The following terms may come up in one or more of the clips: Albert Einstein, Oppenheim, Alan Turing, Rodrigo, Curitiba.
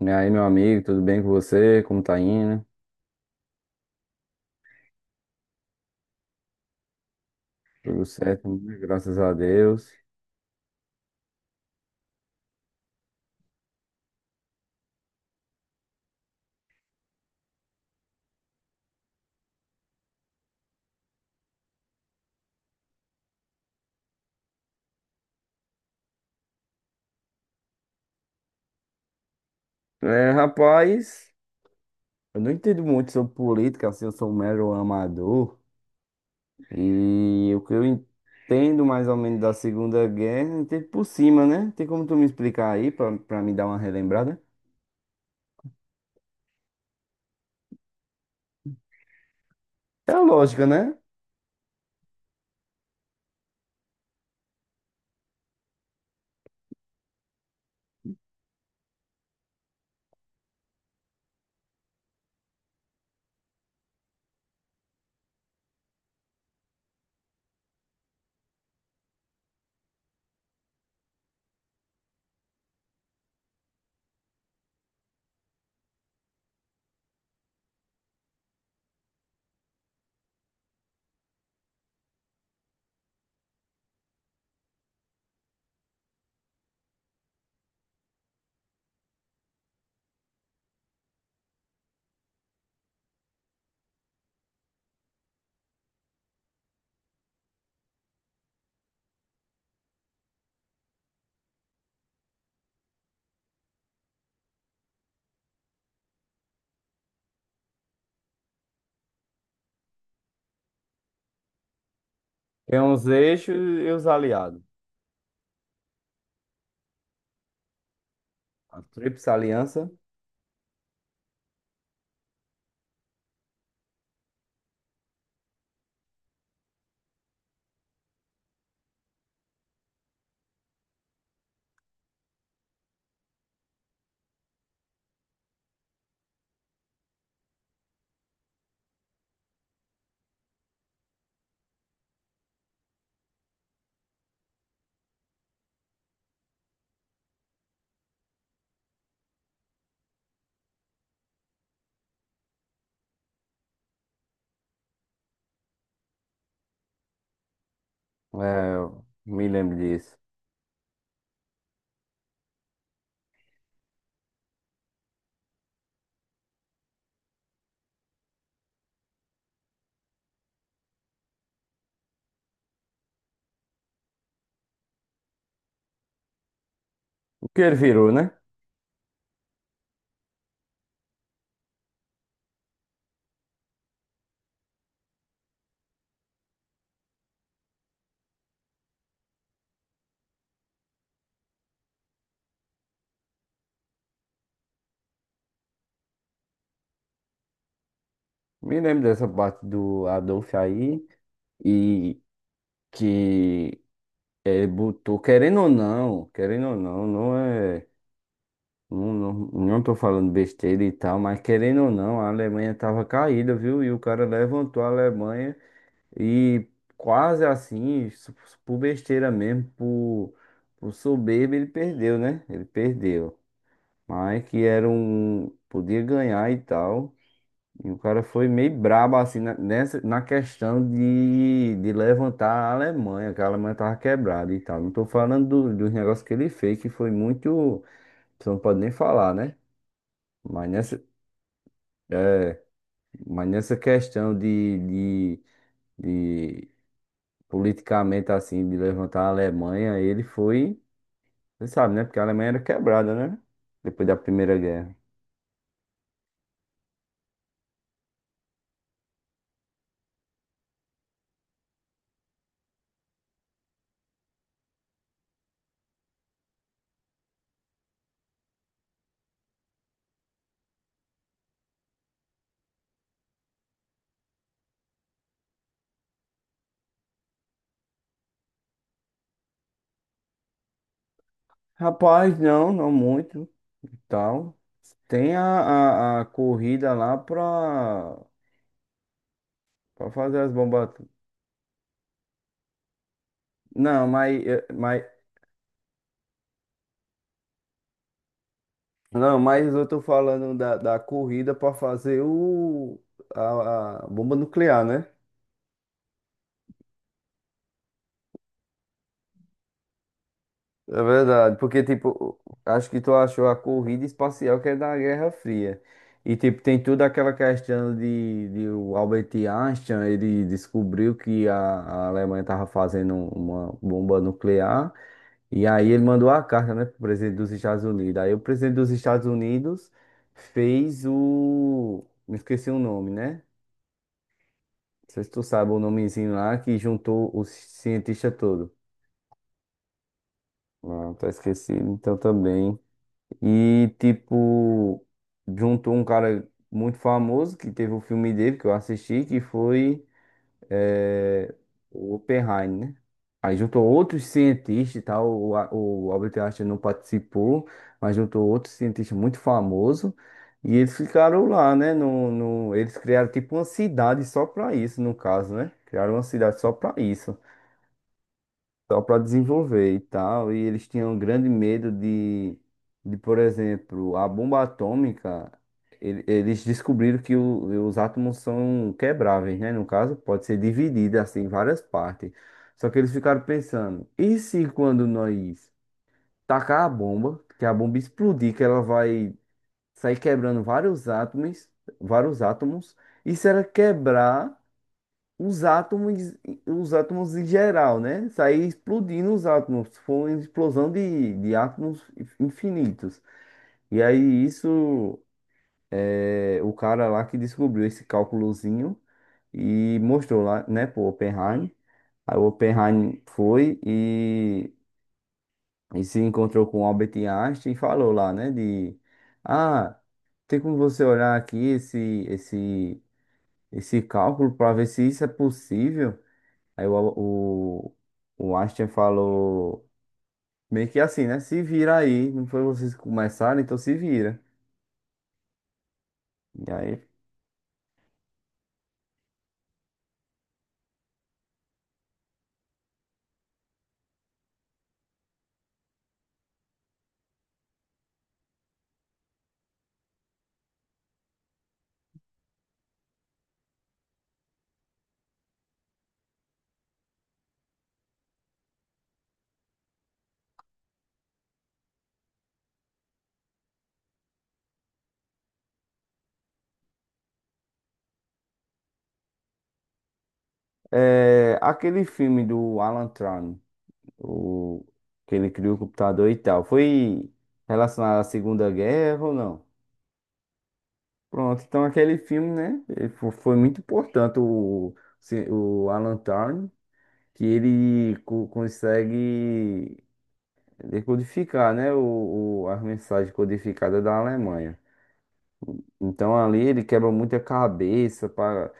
E aí, meu amigo, tudo bem com você? Como tá indo? Tudo certo, né? Graças a Deus. É, rapaz, eu não entendo muito sobre política, assim, eu sou um mero amador. E o que eu entendo mais ou menos da Segunda Guerra, eu entendo por cima, né? Tem como tu me explicar aí, pra me dar uma relembrada? É a lógica, né? Tem uns eixos e os aliados. A Tríplice Aliança. É, eu me lembro disso. O que ele virou, né? Me lembro dessa parte do Adolf aí. E que ele botou, querendo ou não, não é. Não, não, não tô falando besteira e tal, mas querendo ou não, a Alemanha tava caída, viu? E o cara levantou a Alemanha e quase assim, por besteira mesmo, por soberba, ele perdeu, né? Ele perdeu. Mas que era um. Podia ganhar e tal. E o cara foi meio brabo assim na questão de levantar a Alemanha, que a Alemanha tava quebrada e tal. Não tô falando dos negócios que ele fez, que foi muito. Você não pode nem falar, né? Mas nessa, mas nessa questão de politicamente assim, de levantar a Alemanha, ele foi. Você sabe, né? Porque a Alemanha era quebrada, né? Depois da Primeira Guerra. Rapaz, não, não muito e tal. Tem a corrida lá pra. Pra fazer as bombas. Não, mas, eh, mas, não, mas eu tô falando da corrida pra fazer a bomba nuclear, né? É verdade, porque, tipo, acho que tu achou a corrida espacial que é da Guerra Fria. E, tipo, tem toda aquela questão de o Albert Einstein, ele descobriu que a Alemanha estava fazendo uma bomba nuclear. E aí ele mandou a carta, né, pro presidente dos Estados Unidos. Aí o presidente dos Estados Unidos fez. Me esqueci o nome, né? Não sei se tu sabe o nomezinho lá que juntou os cientistas todos. Não, tá esquecido, então também. E, tipo, juntou um cara muito famoso que teve o filme dele que eu assisti, que foi é, o Oppenheim, né? Aí juntou outros cientistas e tal, o Albert Einstein não participou, mas juntou outros cientistas muito famosos e eles ficaram lá, né? No, no, eles criaram tipo uma cidade só pra isso, no caso, né? Criaram uma cidade só pra isso só para desenvolver e tal. E eles tinham um grande medo de, por exemplo, a bomba atômica. Eles descobriram que os átomos são quebráveis, né? No caso, pode ser dividida assim em várias partes. Só que eles ficaram pensando: e se quando nós tacar a bomba, que a bomba explodir, que ela vai sair quebrando vários átomos, e se ela quebrar os átomos, os átomos em geral, né? Sair explodindo os átomos, foi uma explosão de átomos infinitos. E aí isso, o cara lá que descobriu esse cálculozinho e mostrou lá, né, pro Oppenheim. Aí o Oppenheim foi e se encontrou com o Albert Einstein e falou lá, né, ah, tem como você olhar aqui esse, esse cálculo para ver se isso é possível. Aí o Einstein falou meio que assim, né? Se vira aí, não foi vocês que começaram, então se vira. E aí, aquele filme do Alan Turing, o, que ele criou o computador e tal, foi relacionado à Segunda Guerra ou não? Pronto, então aquele filme, né? Ele foi muito importante o, se- o Alan Turing, que ele consegue decodificar, né? As mensagens codificadas da Alemanha. Então ali ele quebra muita cabeça para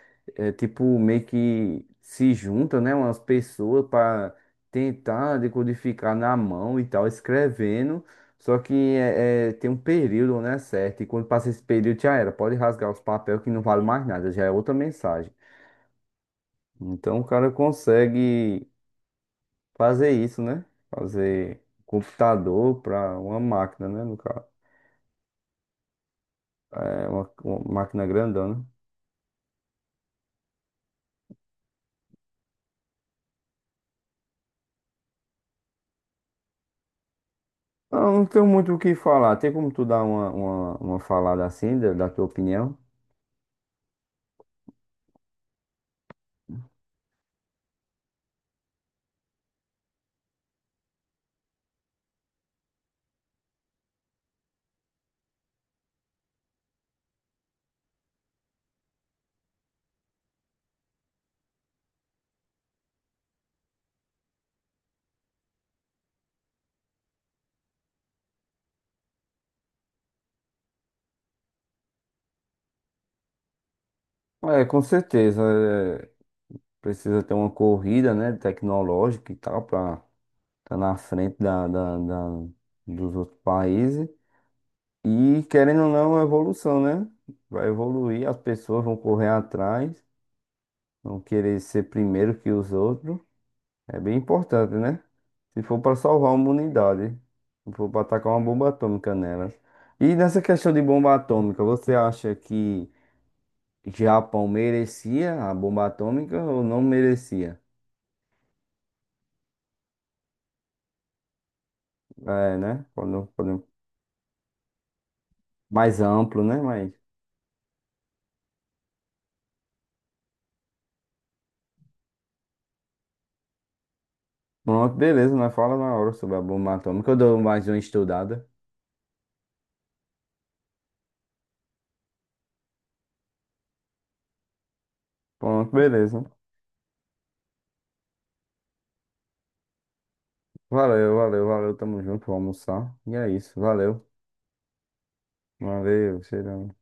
tipo meio que se junta, né, umas pessoas para tentar decodificar na mão e tal, escrevendo. Só que tem um período, né, certo? E quando passa esse período já era, pode rasgar os papéis que não vale mais nada, já é outra mensagem. Então o cara consegue fazer isso, né? Fazer computador para uma máquina, né, no caso. É uma máquina grandona. Ah, não tenho muito o que falar. Tem como tu dar uma falada assim, da tua opinião? É, com certeza. Precisa ter uma corrida, né, tecnológica e tal, pra estar tá na frente dos outros países. E, querendo ou não, é uma evolução, né? Vai evoluir, as pessoas vão correr atrás, vão querer ser primeiro que os outros. É bem importante, né? Se for para salvar uma unidade, se for para atacar uma bomba atômica nelas. E nessa questão de bomba atômica, você acha que Japão merecia a bomba atômica ou não merecia? É, né? Mais amplo, né? Mas pronto, beleza, nós fala na hora sobre a bomba atômica. Eu dou mais uma estudada. Pronto, beleza. Valeu, valeu, valeu. Tamo junto, vou almoçar. E é isso, valeu. Valeu, cheirão.